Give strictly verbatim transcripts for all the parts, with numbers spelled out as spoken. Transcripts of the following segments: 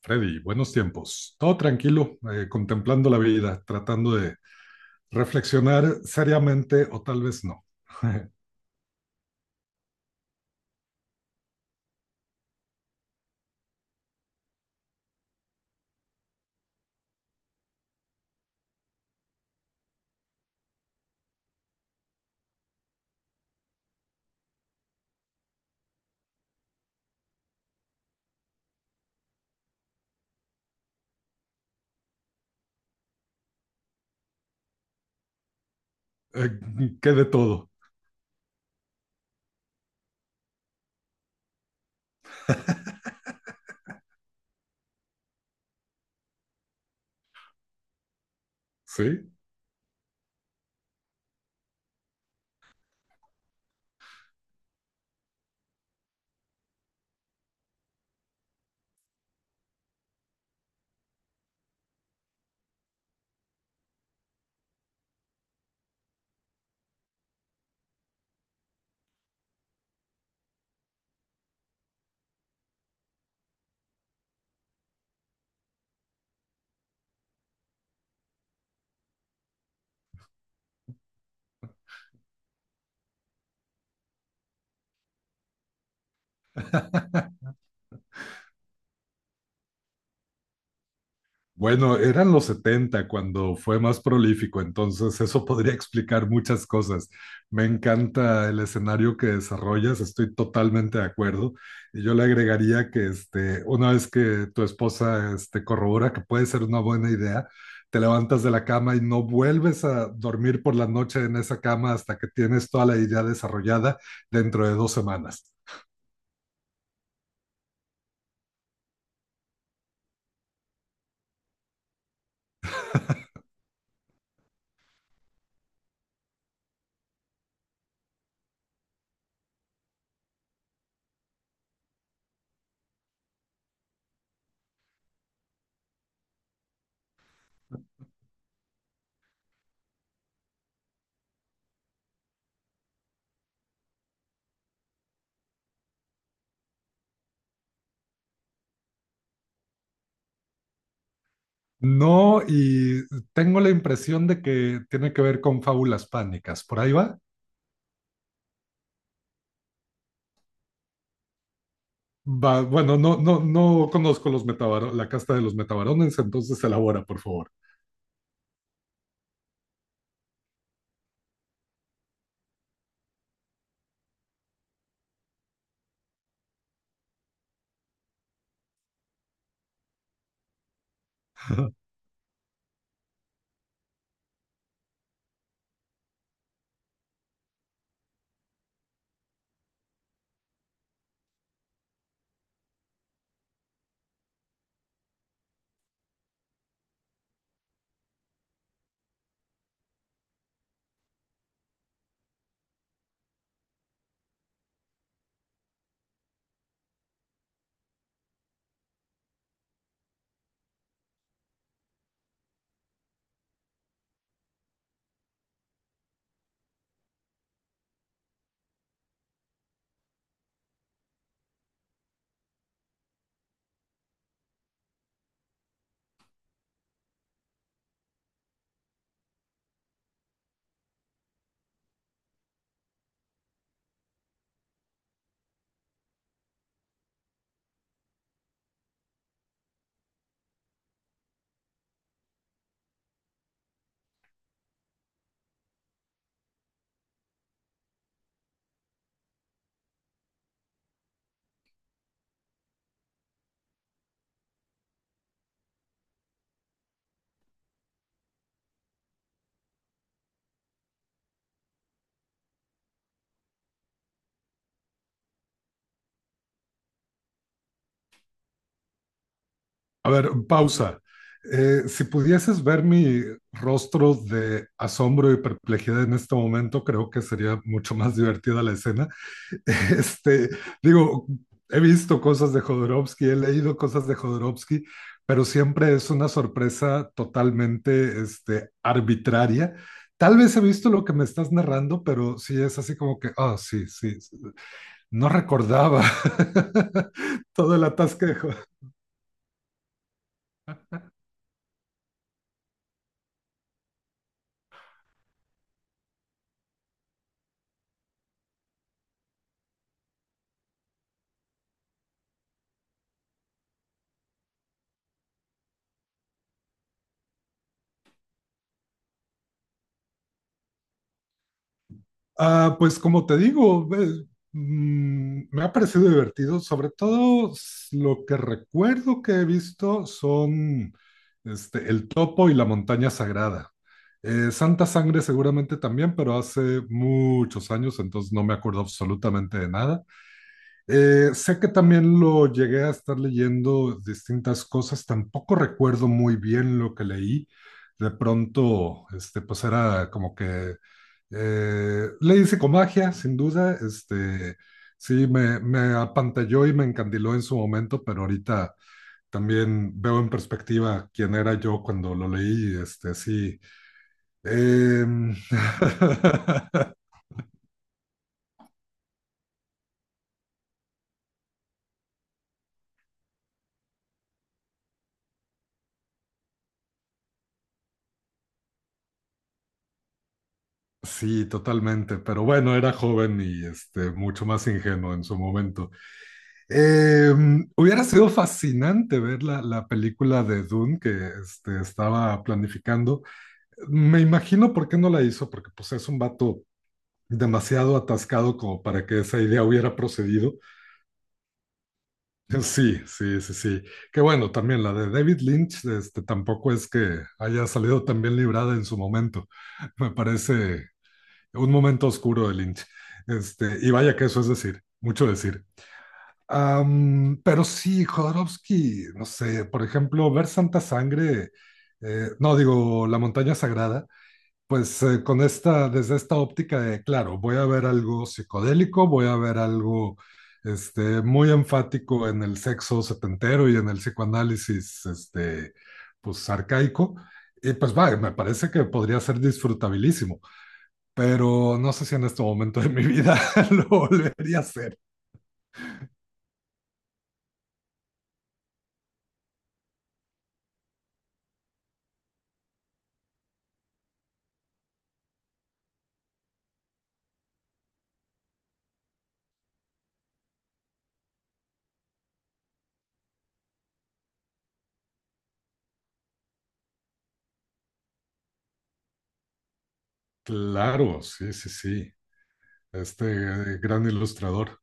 Freddy, buenos tiempos. Todo tranquilo, eh, contemplando la vida, tratando de reflexionar seriamente o tal vez no. Eh, ¿Qué de todo? ¿Sí? Bueno, eran los setenta cuando fue más prolífico, entonces eso podría explicar muchas cosas. Me encanta el escenario que desarrollas, estoy totalmente de acuerdo. Y yo le agregaría que este, una vez que tu esposa este, corrobora que puede ser una buena idea, te levantas de la cama y no vuelves a dormir por la noche en esa cama hasta que tienes toda la idea desarrollada dentro de dos semanas. No, y tengo la impresión de que tiene que ver con fábulas pánicas. ¿Por ahí va? Va, bueno, no, no, no conozco los metabaro- la casta de los metabarones, entonces elabora, por favor. A ver, pausa. Eh, si pudieses ver mi rostro de asombro y perplejidad en este momento, creo que sería mucho más divertida la escena. Este, digo, he visto cosas de Jodorowsky, he leído cosas de Jodorowsky, pero siempre es una sorpresa totalmente este, arbitraria. Tal vez he visto lo que me estás narrando, pero sí es así como que, ah, oh, sí, sí, sí, no recordaba todo el atasquejo. Ah, pues como te digo, ve- mm, me ha parecido divertido. Sobre todo s- lo que recuerdo que he visto son este, el topo y la montaña sagrada. Eh, Santa Sangre seguramente también, pero hace muchos años, entonces no me acuerdo absolutamente de nada. Eh, sé que también lo llegué a estar leyendo distintas cosas, tampoco recuerdo muy bien lo que leí. De pronto, este, pues era como que eh, leí psicomagia, sin duda. Este, sí, me, me apantalló y me encandiló en su momento, pero ahorita también veo en perspectiva quién era yo cuando lo leí. Este, sí. Em, Sí, totalmente, pero bueno, era joven y este, mucho más ingenuo en su momento. Eh, hubiera sido fascinante ver la, la película de Dune que este, estaba planificando. Me imagino por qué no la hizo, porque pues es un vato demasiado atascado como para que esa idea hubiera procedido. Sí, sí, sí, sí. Que bueno, también la de David Lynch, este, tampoco es que haya salido tan bien librada en su momento. Me parece un momento oscuro de Lynch. Este, y vaya que eso es decir, mucho decir. Am, pero sí, Jodorowsky, no sé, por ejemplo, ver Santa Sangre, eh, no digo La Montaña Sagrada, pues eh, con esta, desde esta óptica de, claro, voy a ver algo psicodélico, voy a ver algo este, muy enfático en el sexo setentero y en el psicoanálisis, este, pues arcaico, y pues va, me parece que podría ser disfrutabilísimo pero no sé si en este momento de mi vida lo volvería a hacer. Claro, sí, sí, sí. Este eh, gran ilustrador.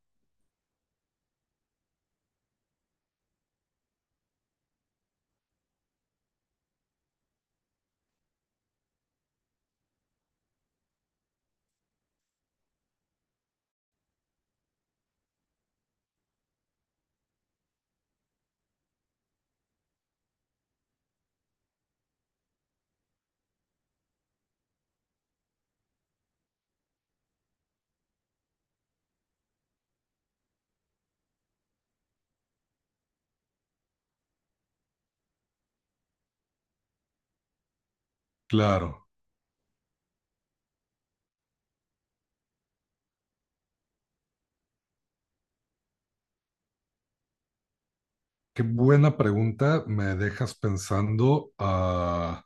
Claro, qué buena pregunta me dejas pensando. Ah,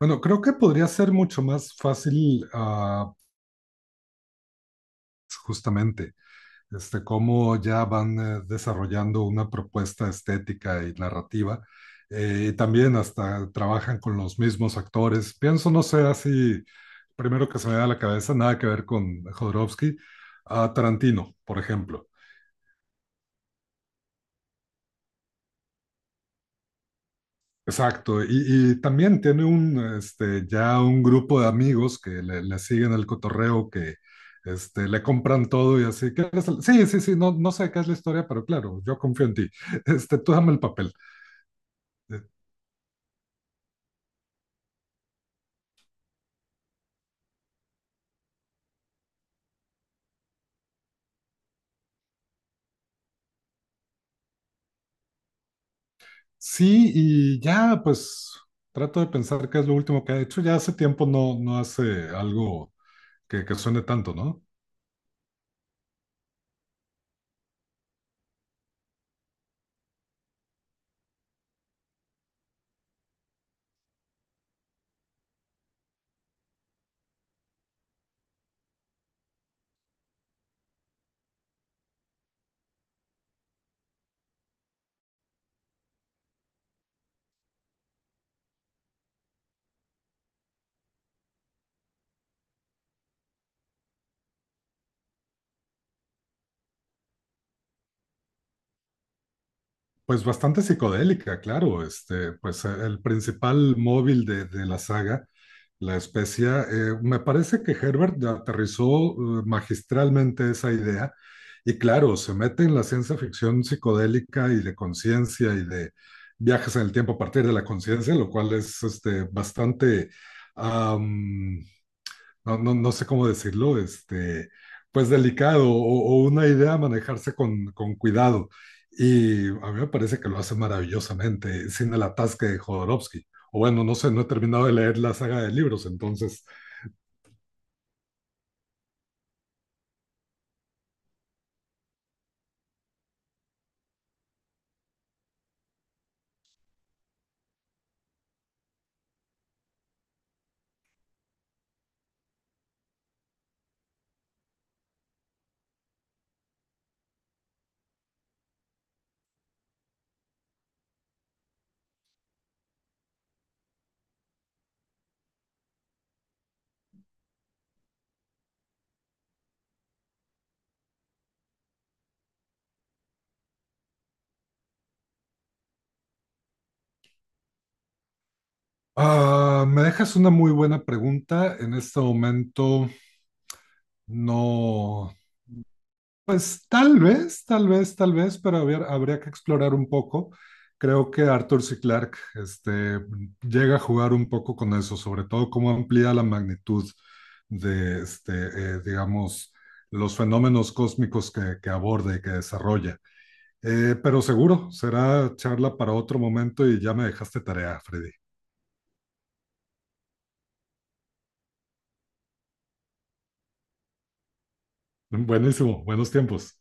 bueno, creo que podría ser mucho más fácil, ah, justamente. este, cómo ya van eh, desarrollando una propuesta estética y narrativa. eh, y también hasta trabajan con los mismos actores. Pienso, no sé, así, primero que se me da a la cabeza, nada que ver con Jodorowsky, a Tarantino, por ejemplo. Exacto, y, y también tiene un, este, ya un grupo de amigos que le, le siguen el cotorreo, que este, le compran todo y así. "¿Qué es el-?" Sí, sí, sí, no, no sé qué es la historia, pero claro, yo confío en ti. Este, tú dame el papel. de- Sí, y ya pues trato de pensar qué es lo último que ha hecho. Ya hace tiempo no, no hace algo que, que suene tanto, ¿no? Pues bastante psicodélica, claro. Este, pues eh, el principal móvil de, de la saga, la especia. Eh, me parece que Herbert aterrizó eh, magistralmente esa idea y claro, se mete en la ciencia ficción psicodélica y de conciencia y de viajes en el tiempo a partir de la conciencia, lo cual es este, bastante um, no, no, no sé cómo decirlo, este, pues delicado o, o una idea a manejarse con, con cuidado. Y a mí me parece que lo hace maravillosamente, sin el atasque de Jodorowsky. O bueno, no sé, no he terminado de leer la saga de libros, entonces. Ah, me dejas una muy buena pregunta. En este momento no. Pues tal vez, tal vez, tal vez, pero habría, habría que explorar un poco. Creo que Arthur C. Clarke este, llega a jugar un poco con eso, sobre todo cómo amplía la magnitud de, este, eh, digamos, los fenómenos cósmicos que, que aborda y que desarrolla. Eh, pero seguro, será charla para otro momento y ya me dejaste tarea, Freddy. Buenísimo, buenos tiempos.